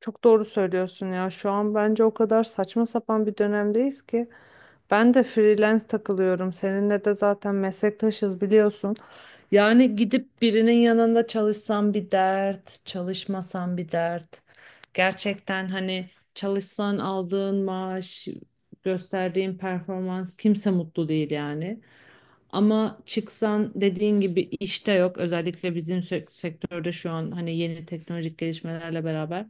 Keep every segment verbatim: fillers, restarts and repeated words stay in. Çok doğru söylüyorsun ya. Şu an bence o kadar saçma sapan bir dönemdeyiz ki. Ben de freelance takılıyorum. Seninle de zaten meslektaşız biliyorsun. Yani gidip birinin yanında çalışsam bir dert, çalışmasam bir dert. Gerçekten hani çalışsan aldığın maaş, gösterdiğin performans kimse mutlu değil yani. Ama çıksan dediğin gibi işte yok. Özellikle bizim sek- sektörde şu an hani yeni teknolojik gelişmelerle beraber.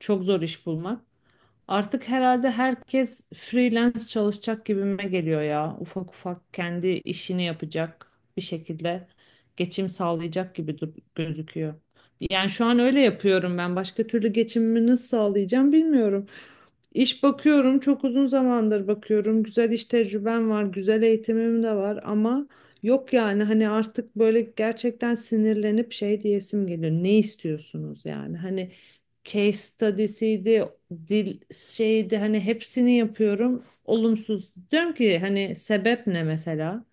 Çok zor iş bulmak. Artık herhalde herkes freelance çalışacak gibime geliyor ya. Ufak ufak kendi işini yapacak bir şekilde geçim sağlayacak gibi dur- gözüküyor. Yani şu an öyle yapıyorum ben. Başka türlü geçimimi nasıl sağlayacağım bilmiyorum. İş bakıyorum, çok uzun zamandır bakıyorum. Güzel iş tecrübem var, güzel eğitimim de var ama yok yani hani artık böyle gerçekten sinirlenip şey diyesim geliyor. Ne istiyorsunuz yani? Hani case study'siydi, dil şeydi hani hepsini yapıyorum. Olumsuz. Diyorum ki hani sebep ne mesela?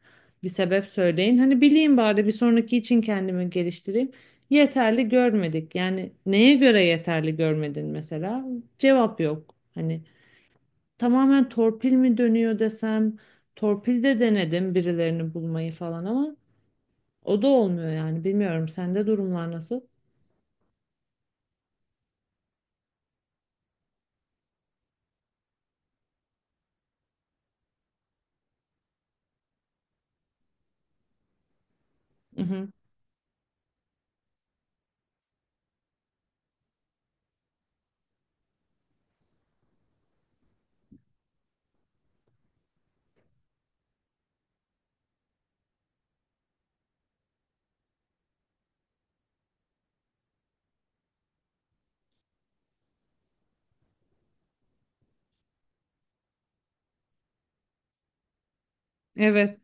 Bir sebep söyleyin. Hani bileyim bari bir sonraki için kendimi geliştireyim. Yeterli görmedik. Yani neye göre yeterli görmedin mesela? Cevap yok. Hani tamamen torpil mi dönüyor desem torpil de denedim birilerini bulmayı falan ama o da olmuyor yani bilmiyorum sende durumlar nasıl? Hı hı. Evet.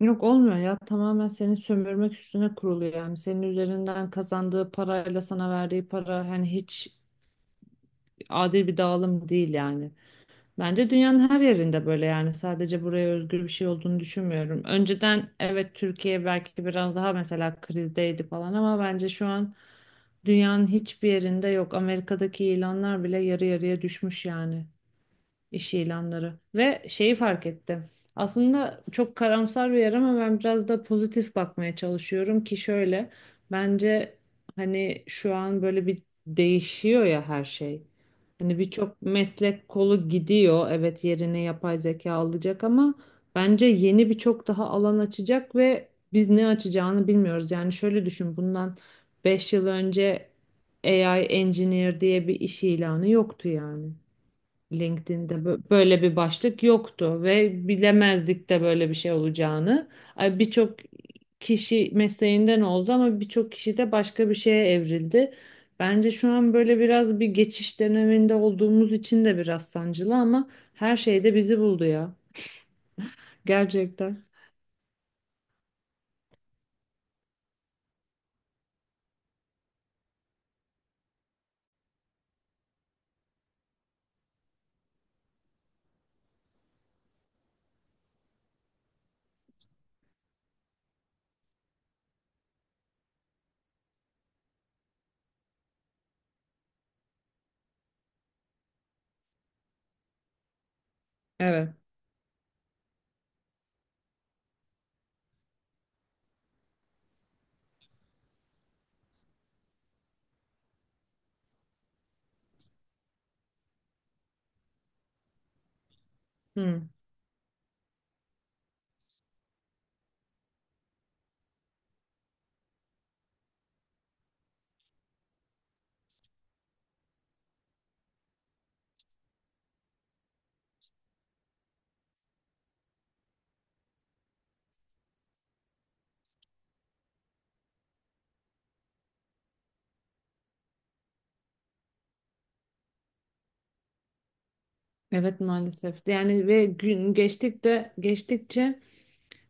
Yok olmuyor ya tamamen seni sömürmek üstüne kurulu yani senin üzerinden kazandığı parayla sana verdiği para hani hiç adil bir dağılım değil yani. Bence dünyanın her yerinde böyle yani sadece buraya özgür bir şey olduğunu düşünmüyorum. Önceden evet Türkiye belki biraz daha mesela krizdeydi falan ama bence şu an dünyanın hiçbir yerinde yok. Amerika'daki ilanlar bile yarı yarıya düşmüş yani iş ilanları. Ve şeyi fark ettim. Aslında çok karamsar bir yer ama ben biraz da pozitif bakmaya çalışıyorum ki şöyle bence hani şu an böyle bir değişiyor ya her şey. Hani birçok meslek kolu gidiyor. Evet yerine yapay zeka alacak ama bence yeni birçok daha alan açacak ve biz ne açacağını bilmiyoruz. Yani şöyle düşün bundan beş yıl önce A I engineer diye bir iş ilanı yoktu yani. LinkedIn'de bö- böyle bir başlık yoktu ve bilemezdik de böyle bir şey olacağını. Ay, Birçok kişi mesleğinden oldu ama birçok kişi de başka bir şeye evrildi. Bence şu an böyle biraz bir geçiş döneminde olduğumuz için de biraz sancılı ama her şey de bizi buldu ya. Gerçekten. Evet. Hı. Evet maalesef. Yani ve gün geçtik de geçtikçe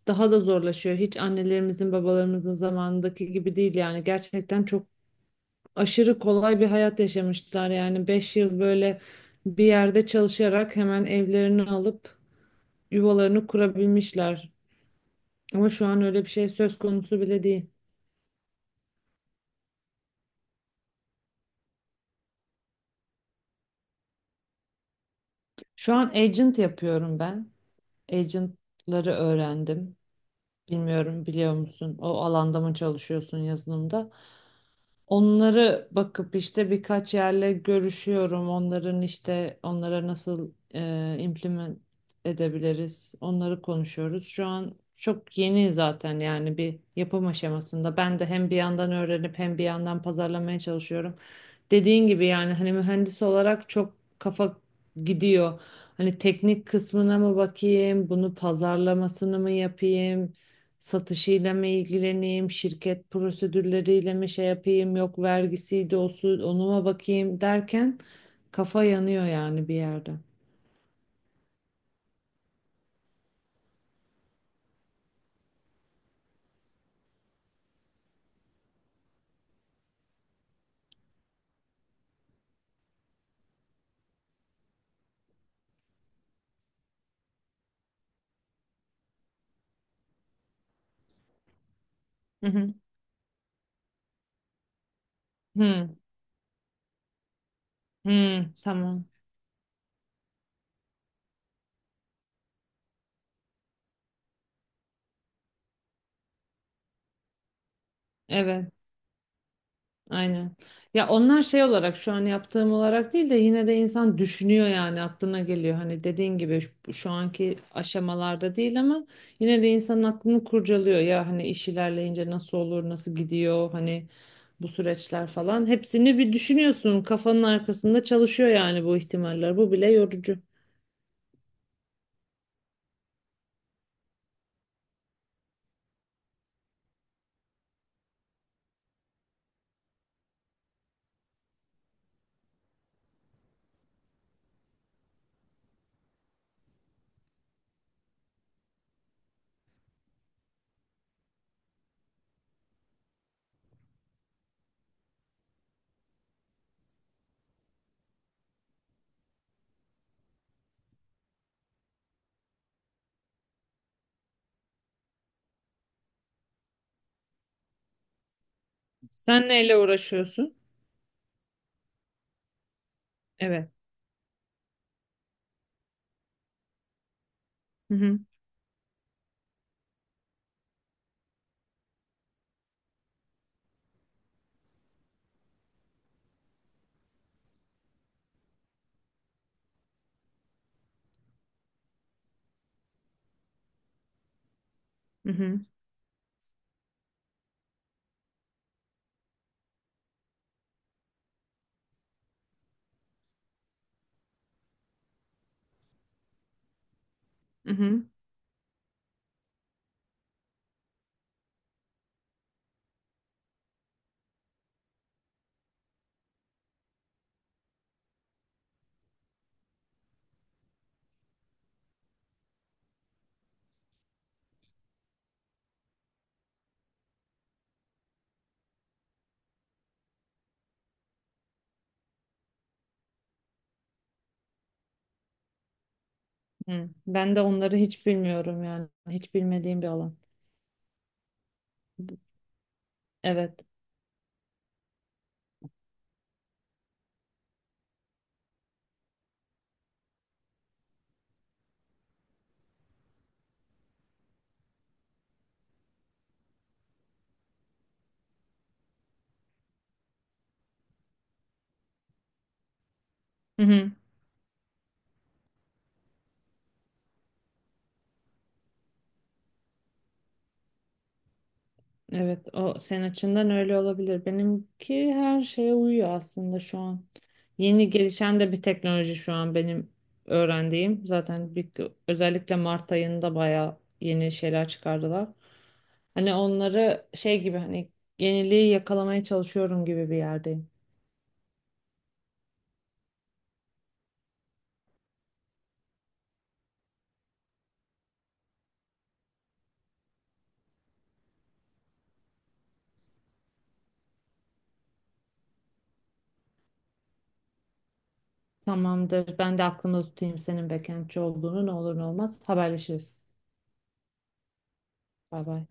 daha da zorlaşıyor. Hiç annelerimizin, babalarımızın zamanındaki gibi değil yani. Gerçekten çok aşırı kolay bir hayat yaşamışlar yani beş yıl böyle bir yerde çalışarak hemen evlerini alıp yuvalarını kurabilmişler. Ama şu an öyle bir şey söz konusu bile değil. Şu an agent yapıyorum ben. Agentları öğrendim. Bilmiyorum biliyor musun? O alanda mı çalışıyorsun yazılımda? Onları bakıp işte birkaç yerle görüşüyorum. Onların işte onlara nasıl e, implement edebiliriz. Onları konuşuyoruz. Şu an çok yeni zaten yani bir yapım aşamasında. Ben de hem bir yandan öğrenip hem bir yandan pazarlamaya çalışıyorum. Dediğin gibi yani hani mühendis olarak çok kafa gidiyor. Hani teknik kısmına mı bakayım, bunu pazarlamasını mı yapayım? Satışıyla mı ilgileneyim, şirket prosedürleriyle mi şey yapayım, yok vergisiydi o su, onuma bakayım derken kafa yanıyor yani bir yerde. Hı hı. Hı, hı, tamam. Evet. Aynen. Ya onlar şey olarak şu an yaptığım olarak değil de yine de insan düşünüyor yani aklına geliyor. Hani dediğin gibi şu, şu anki aşamalarda değil ama yine de insanın aklını kurcalıyor. Ya hani iş ilerleyince nasıl olur, nasıl gidiyor hani bu süreçler falan. Hepsini bir düşünüyorsun. Kafanın arkasında çalışıyor yani bu ihtimaller. Bu bile yorucu. Sen neyle uğraşıyorsun? Evet. Hı hı. Hı hı. Hı hı. Hı. Ben de onları hiç bilmiyorum yani. Hiç bilmediğim bir alan. Evet. Evet, o senin açından öyle olabilir. Benimki her şeye uyuyor aslında şu an. Yeni gelişen de bir teknoloji şu an benim öğrendiğim. Zaten bir, özellikle Mart ayında bayağı yeni şeyler çıkardılar. Hani onları şey gibi hani yeniliği yakalamaya çalışıyorum gibi bir yerdeyim. Tamamdır. Ben de aklımda tutayım senin backendçi olduğunu ne olur ne olmaz. Haberleşiriz. Bay bay.